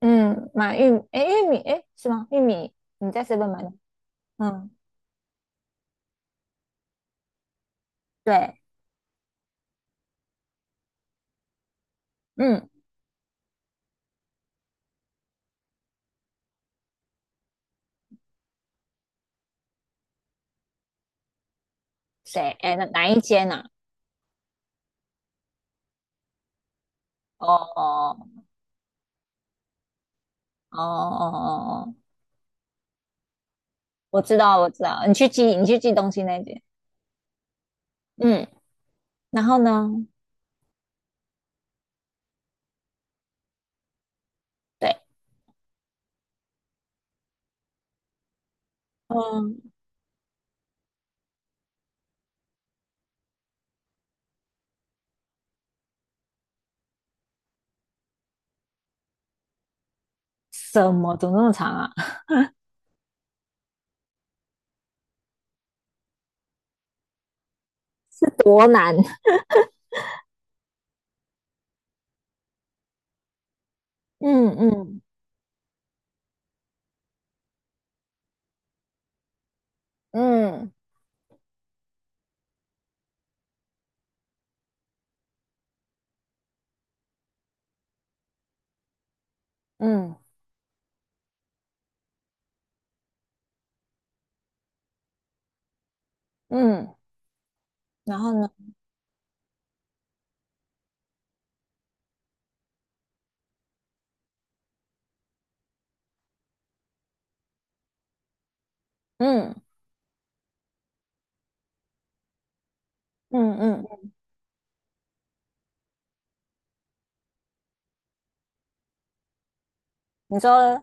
嗯，买玉米，哎，玉米，哎，是吗？玉米，你在 s e 买的？嗯，对，嗯，谁？哎，哪一间呐、啊哦哦哦哦哦哦，我知道，我知道，你去寄，你去寄东西那间。嗯，然后呢？对，嗯，什么？怎么那么长啊？多难。嗯嗯嗯嗯嗯，然后呢？嗯嗯嗯，你说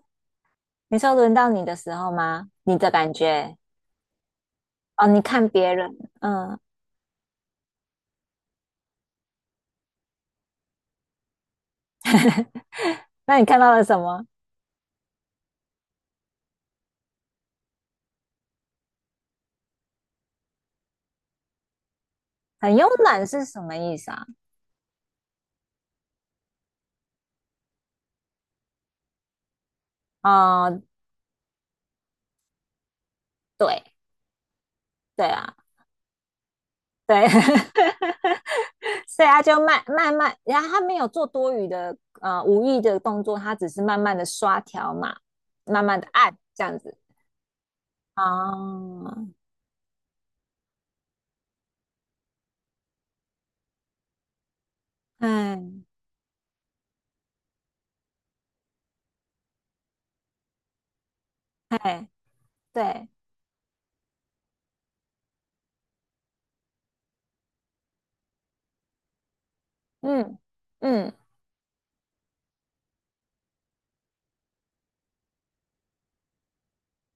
你说轮到你的时候吗？你的感觉哦，你看别人，嗯，那你看到了什么？很慵懒是什么意思啊？哦、对对啊，对，所以他就慢慢慢，然后他没有做多余的无意的动作，他只是慢慢的刷条码，慢慢的按这样子。哦，嗯，嘿，对，嗯嗯，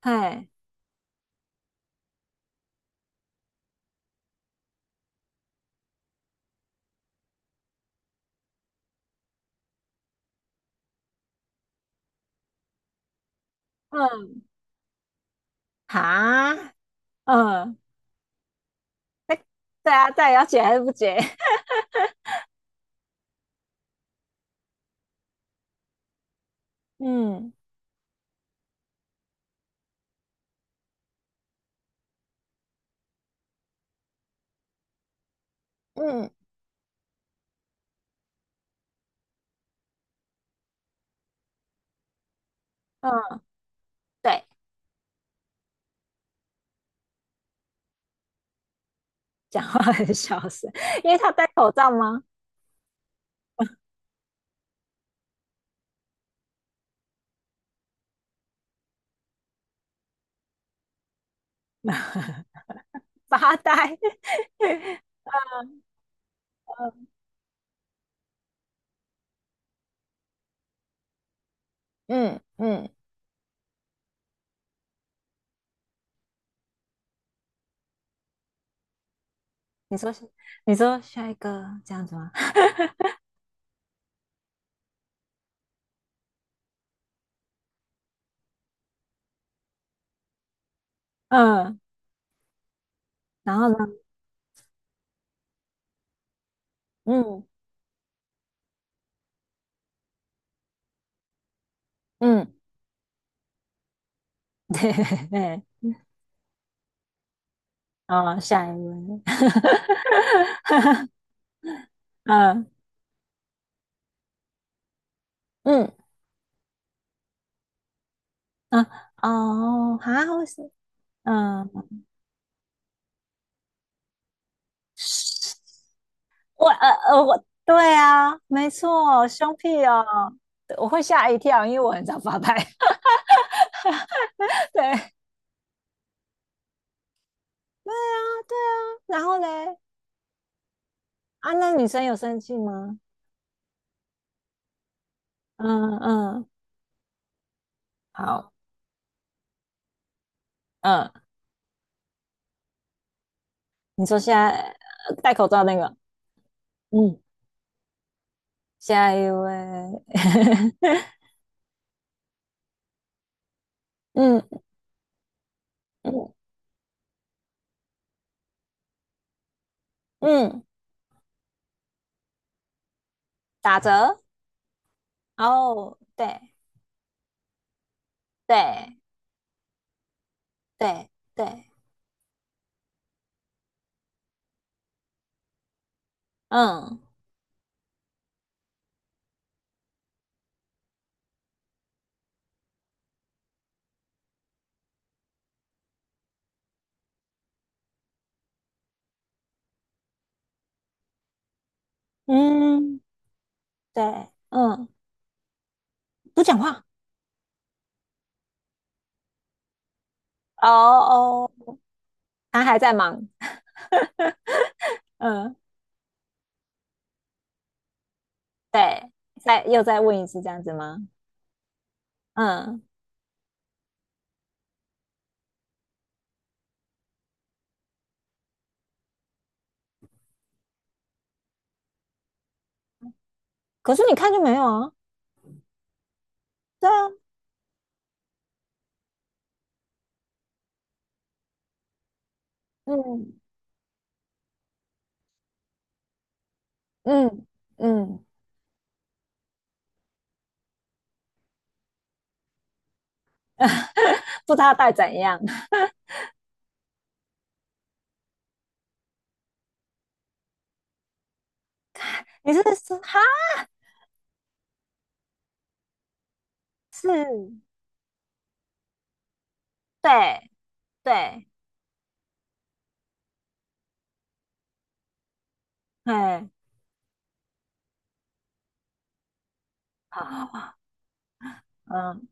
嘿，嗯，哈，嗯，对啊，对，要解还是不解？嗯嗯嗯，对，讲话很 小声，因为他戴口罩吗？发呆。嗯嗯你说是，你说下一个这样子吗？嗯，然后呢？嗯嗯，对对对，哦，下一位。嗯嗯，嗯哦，哈，我是嗯，我对啊，没错，凶屁哦，对我会吓一跳，因为我很常发呆。对对啊，对啊，然后嘞，啊，那女生有生气吗？嗯嗯。好，嗯，你说现在呃戴口罩那个，嗯，下一位，嗯嗯嗯，打折，哦，对对对对，嗯嗯，对，嗯，不讲话，哦哦，他还在忙，嗯，对，再又再问一次这样子吗？嗯，可是你看就没有啊，对啊，嗯嗯嗯，不知道他戴怎样，你是说哈是？对对，哎，好好好，嗯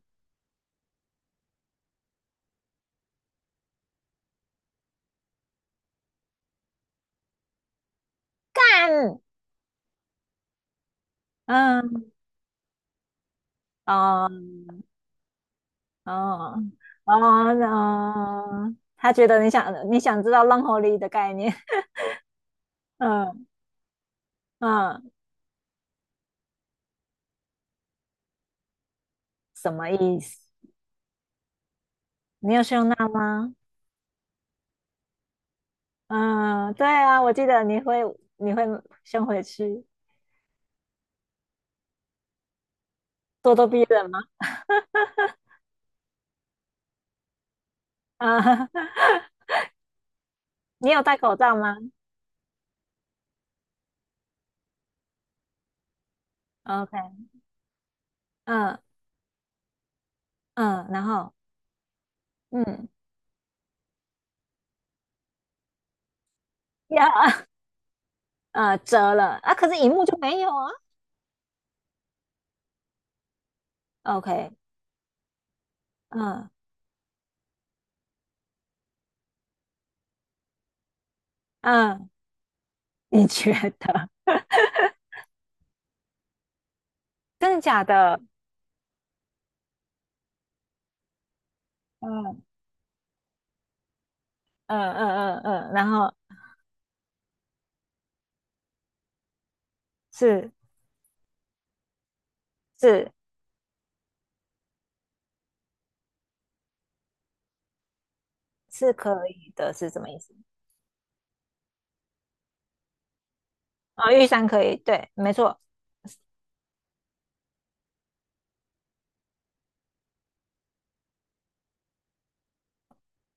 但嗯嗯嗯嗯嗯，他觉得你想你想知道浪吼里的概念，嗯嗯，什么意思？你有胸大吗？嗯，对啊，我记得你会你会先回去咄咄逼人吗？啊，你有戴口罩吗？OK，嗯嗯，然后嗯，呀，折了啊，可是荧幕就没有啊。OK，嗯嗯 你觉得真的假的？嗯嗯嗯嗯嗯，然后是是是可以的，是什么意思？啊、玉山可以，对，没错，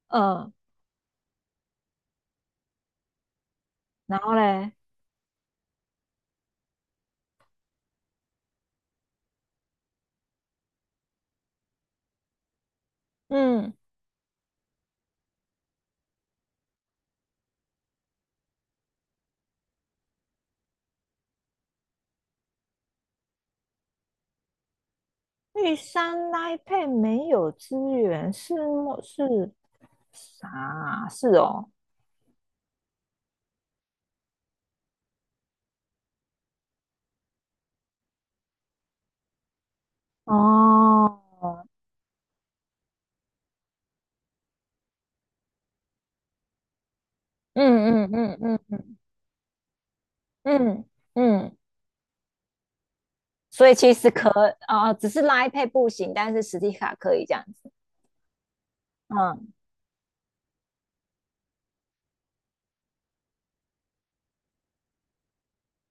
嗯，然后嘞，嗯，玉山 l i n 没有资源，是么是啥啊是哦，哦，嗯嗯嗯嗯嗯嗯嗯。所以其实可只是拉一配不行，但是实体卡可以这样子。嗯，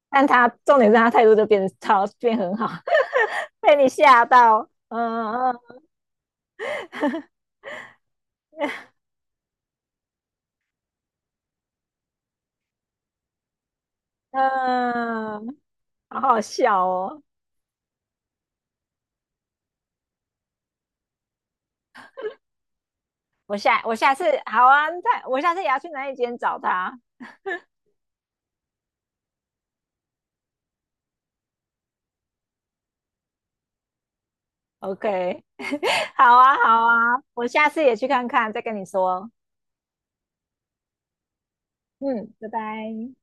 但他重点是他态度就变得超变很好，被你吓到。嗯嗯嗯，好好笑哦。我下次好啊，我下次也要去哪一间找他。OK，好啊好啊，我下次也去看看，再跟你说。嗯，拜拜。